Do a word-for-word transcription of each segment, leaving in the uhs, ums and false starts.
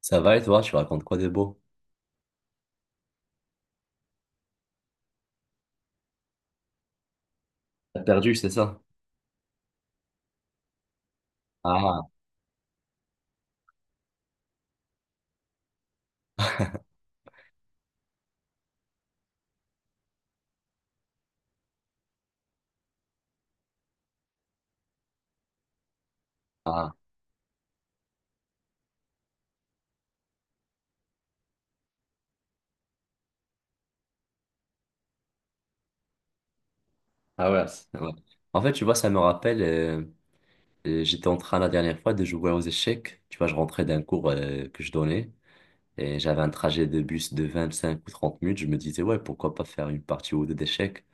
Ça va et toi, tu racontes quoi de beau? T'as perdu, c'est ça? Ah, ah. Ah ouais. c'est- Ouais. En fait, tu vois, ça me rappelle, euh, euh, j'étais en train la dernière fois de jouer aux échecs. Tu vois, je rentrais d'un cours euh, que je donnais et j'avais un trajet de bus de vingt-cinq ou trente minutes. Je me disais, ouais, pourquoi pas faire une partie ou deux d'échecs?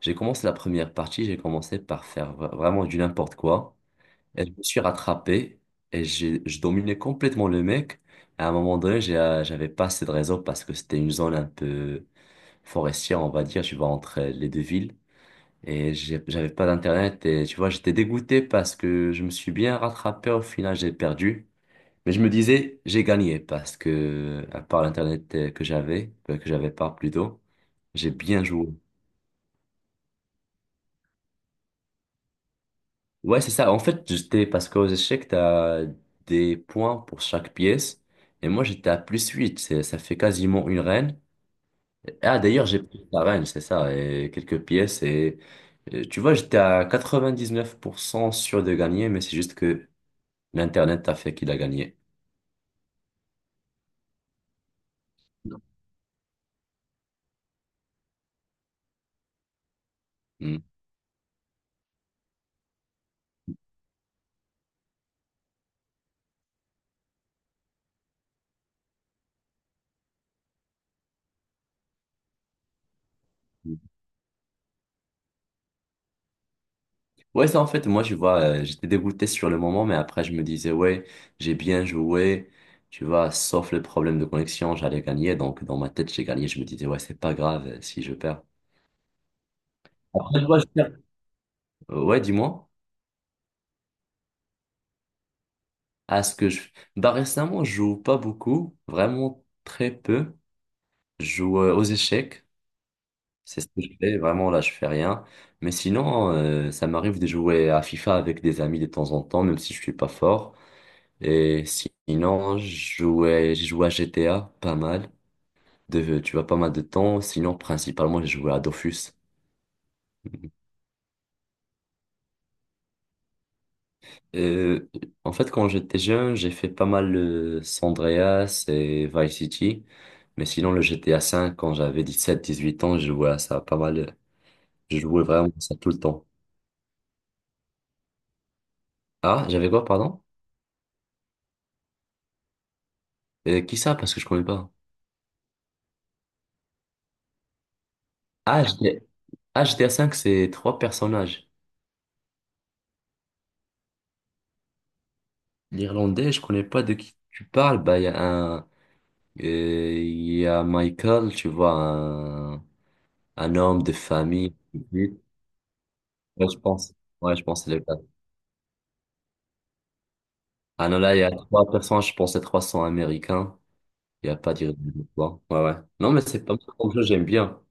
J'ai commencé la première partie, j'ai commencé par faire vra- vraiment du n'importe quoi. Et je me suis rattrapé et j'ai, je dominais complètement le mec. À un moment donné, j'ai, euh, j'avais pas assez de réseau parce que c'était une zone un peu forestière, on va dire, tu vois, entre les deux villes. Et j'ai- j'avais pas d'internet et tu vois, j'étais dégoûté parce que je me suis bien rattrapé. Au final, j'ai perdu. Mais je me disais, j'ai gagné parce que, à part l'internet euh, que j'avais, euh, que j'avais pas plutôt, j'ai bien joué. Ouais, c'est ça. En fait, j'étais, parce qu'aux échecs, t'as des points pour chaque pièce. Et moi, j'étais à plus huit. C'est- Ça fait quasiment une reine. Ah, d'ailleurs, j'ai pris la reine, c'est ça, et quelques pièces. Et euh, tu vois, j'étais à quatre-vingt-dix-neuf pour cent sûr de gagner, mais c'est juste que l'Internet a fait qu'il a gagné. Mm. Ouais, ça, en fait, moi, tu vois, euh, j'étais dégoûté sur le moment, mais après, je me disais, ouais, j'ai bien joué, tu vois, sauf le problème de connexion, j'allais gagner. Donc, dans ma tête, j'ai gagné. Je me disais, ouais, c'est pas grave euh, si je perds. Après, tu vois, je perds. Euh, Ouais, dis-moi. À ce que je. Bah, récemment, je joue pas beaucoup, vraiment très peu. Je joue euh, aux échecs, c'est ce que je fais, vraiment là je fais rien. Mais sinon, euh, ça m'arrive de jouer à FIFA avec des amis de temps en temps, même si je suis pas fort. Et sinon, je jouais, j'ai joué à G T A pas mal, de, tu vois, pas mal de temps. Sinon, principalement, j'ai joué à Dofus. Euh, en fait, quand j'étais jeune, j'ai fait pas mal le San Andreas et Vice City. Mais sinon, le G T A V, quand j'avais dix sept dix huit ans, je jouais à ça pas mal. Je jouais vraiment à ça tout le temps. Ah, j'avais quoi, pardon? Euh, qui ça? Parce que je connais pas. Ah, G T A, ah, G T A cinq c'est trois personnages. L'Irlandais, je connais pas de qui tu parles. Bah, il y a un, euh, il y a Michael, tu vois, un, un homme de famille. Oui. Ouais, je pense. Ouais, je pense que c'est le cas. Ah non, là, il y a trois personnages, je pense c'est trois cents américains. Il y a pas d'Irlandais, quoi. Ouais, ouais. Non, mais c'est pas mal comme jeu, j'aime bien.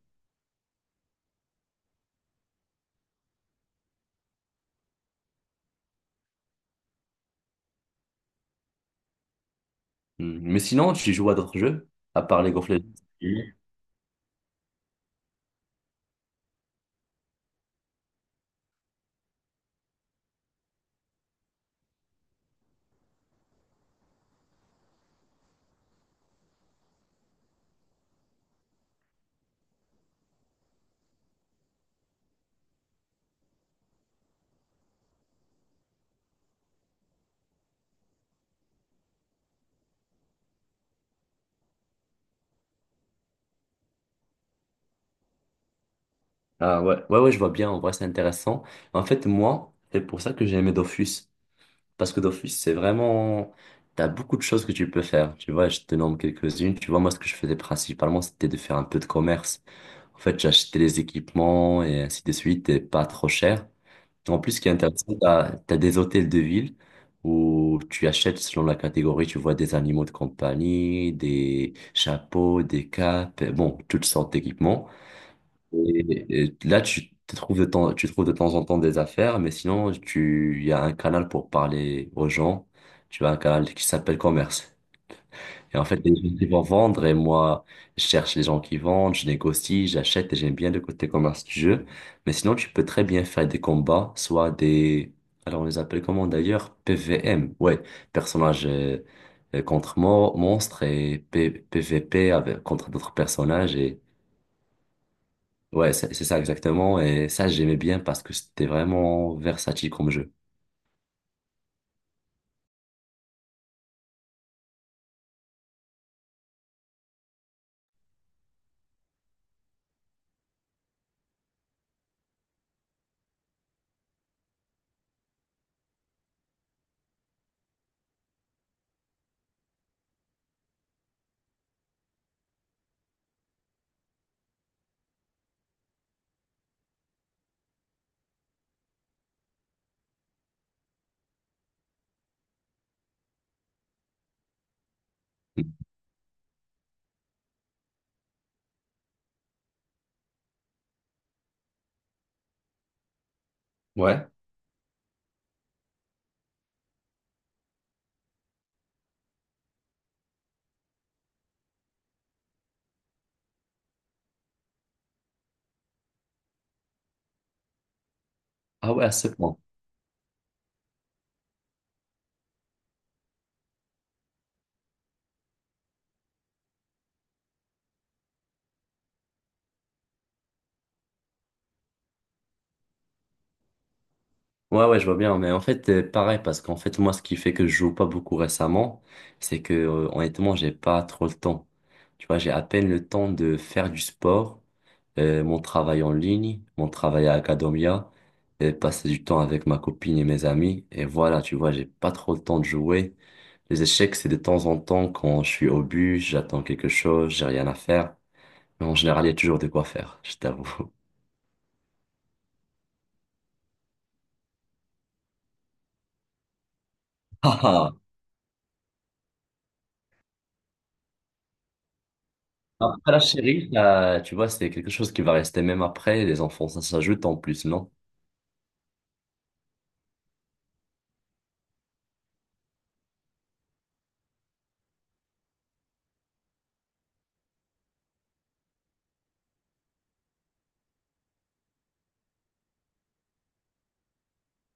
Hmm. Mais sinon, tu joues à d'autres jeux, à part League of Legends? Ah ouais, ouais, ouais, je vois bien, en vrai, c'est intéressant. En fait, moi, c'est pour ça que j'ai aimé Dofus. Parce que Dofus, c'est vraiment... T'as beaucoup de choses que tu peux faire. Tu vois, je te nomme quelques-unes. Tu vois, moi, ce que je faisais principalement, c'était de faire un peu de commerce. En fait, j'achetais les équipements et ainsi de suite, et pas trop cher. En plus, ce qui est intéressant, t'as, t'as des hôtels de ville où tu achètes selon la catégorie, tu vois des animaux de compagnie, des chapeaux, des capes, bon, toutes sortes d'équipements. Et, et là, tu te trouves de temps, tu trouves de temps en temps des affaires, mais sinon, tu, il y a un canal pour parler aux gens. Tu as un canal qui s'appelle commerce. Et en fait, les gens qui vont vendre, et moi, je cherche les gens qui vendent, je négocie, j'achète, et j'aime bien le côté commerce du jeu. Mais sinon, tu peux très bien faire des combats, soit des, alors on les appelle comment d'ailleurs? P V M, ouais, personnage euh, euh, contre mo- monstre et P- PVP avec, contre d'autres personnages. Ouais, c'est c'est ça exactement. Et ça, j'aimais bien parce que c'était vraiment versatile comme jeu. Mm. Ouais. Ah ouais, à ce point. Ouais, ouais, je vois bien. Mais en fait, euh, pareil, parce qu'en fait, moi, ce qui fait que je joue pas beaucoup récemment, c'est que, euh, honnêtement, j'ai pas trop le temps. Tu vois, j'ai à peine le temps de faire du sport, euh, mon travail en ligne, mon travail à Academia, et passer du temps avec ma copine et mes amis. Et voilà, tu vois, j'ai pas trop le temps de jouer. Les échecs, c'est de temps en temps quand je suis au but, j'attends quelque chose, j'ai rien à faire. Mais en général, il y a toujours de quoi faire, je t'avoue. Ah, ah. Après la chérie, euh, tu vois, c'est quelque chose qui va rester même après. Les enfants, ça s'ajoute en plus, non?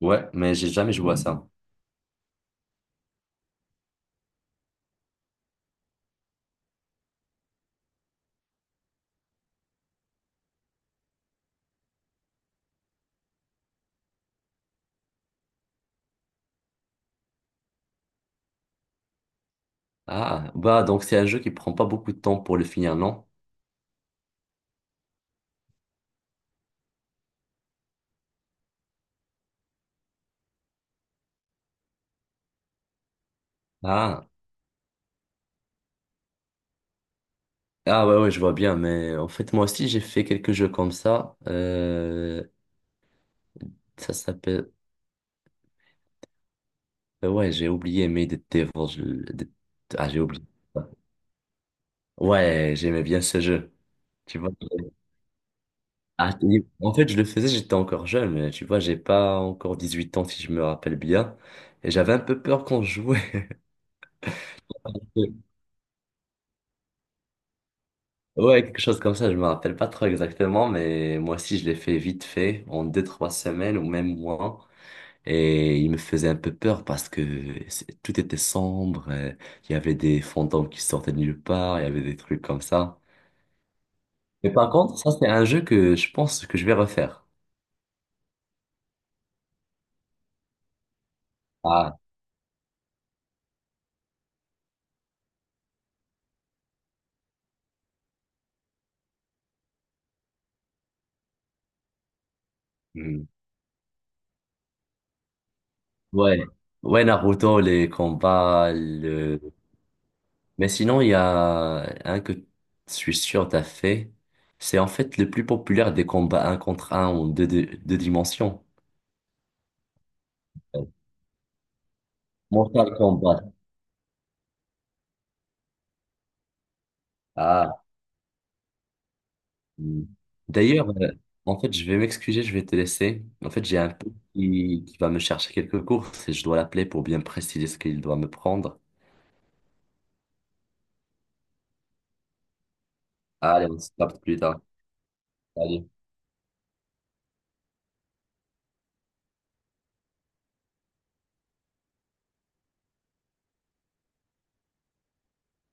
Ouais, mais j'ai jamais joué à ça. Ah, bah donc c'est un jeu qui prend pas beaucoup de temps pour le finir, non? Ah, ah ouais, ouais, je vois bien. Mais en fait, moi aussi, j'ai fait quelques jeux comme ça. Euh, ça s'appelle. euh, Ouais, j'ai oublié, mais des Devils. Ah, j'ai oublié. Ouais, j'aimais bien ce jeu. Tu vois, j'ai- ah, tu- en fait, je le faisais, j'étais encore jeune, mais tu vois, j'ai pas encore dix-huit ans, si je me rappelle bien. Et j'avais un peu peur quand je jouais. Ouais, quelque chose comme ça, je me rappelle pas trop exactement, mais moi aussi, je l'ai fait vite fait, en deux, trois semaines ou même moins. Et il me faisait un peu peur parce que c'est- tout était sombre, euh, il y avait des fantômes qui sortaient de nulle part, il y avait des trucs comme ça. Mais par contre, ça, c'est un jeu que je pense que je vais refaire. Ah. Hmm. Ouais, ouais, Naruto, les combats, le... Mais sinon, il y a un que je suis sûr t'as fait. C'est en fait le plus populaire des combats un contre un ou deux, deux, deux dimensions. Euh, Mortal Kombat. Ah. Hmm. D'ailleurs, euh, en fait, je vais m'excuser, je vais te laisser. En fait, j'ai un pote qui, qui va me chercher quelques courses et je dois l'appeler pour bien préciser ce qu'il doit me prendre. Allez, on se capte plus tard. Salut.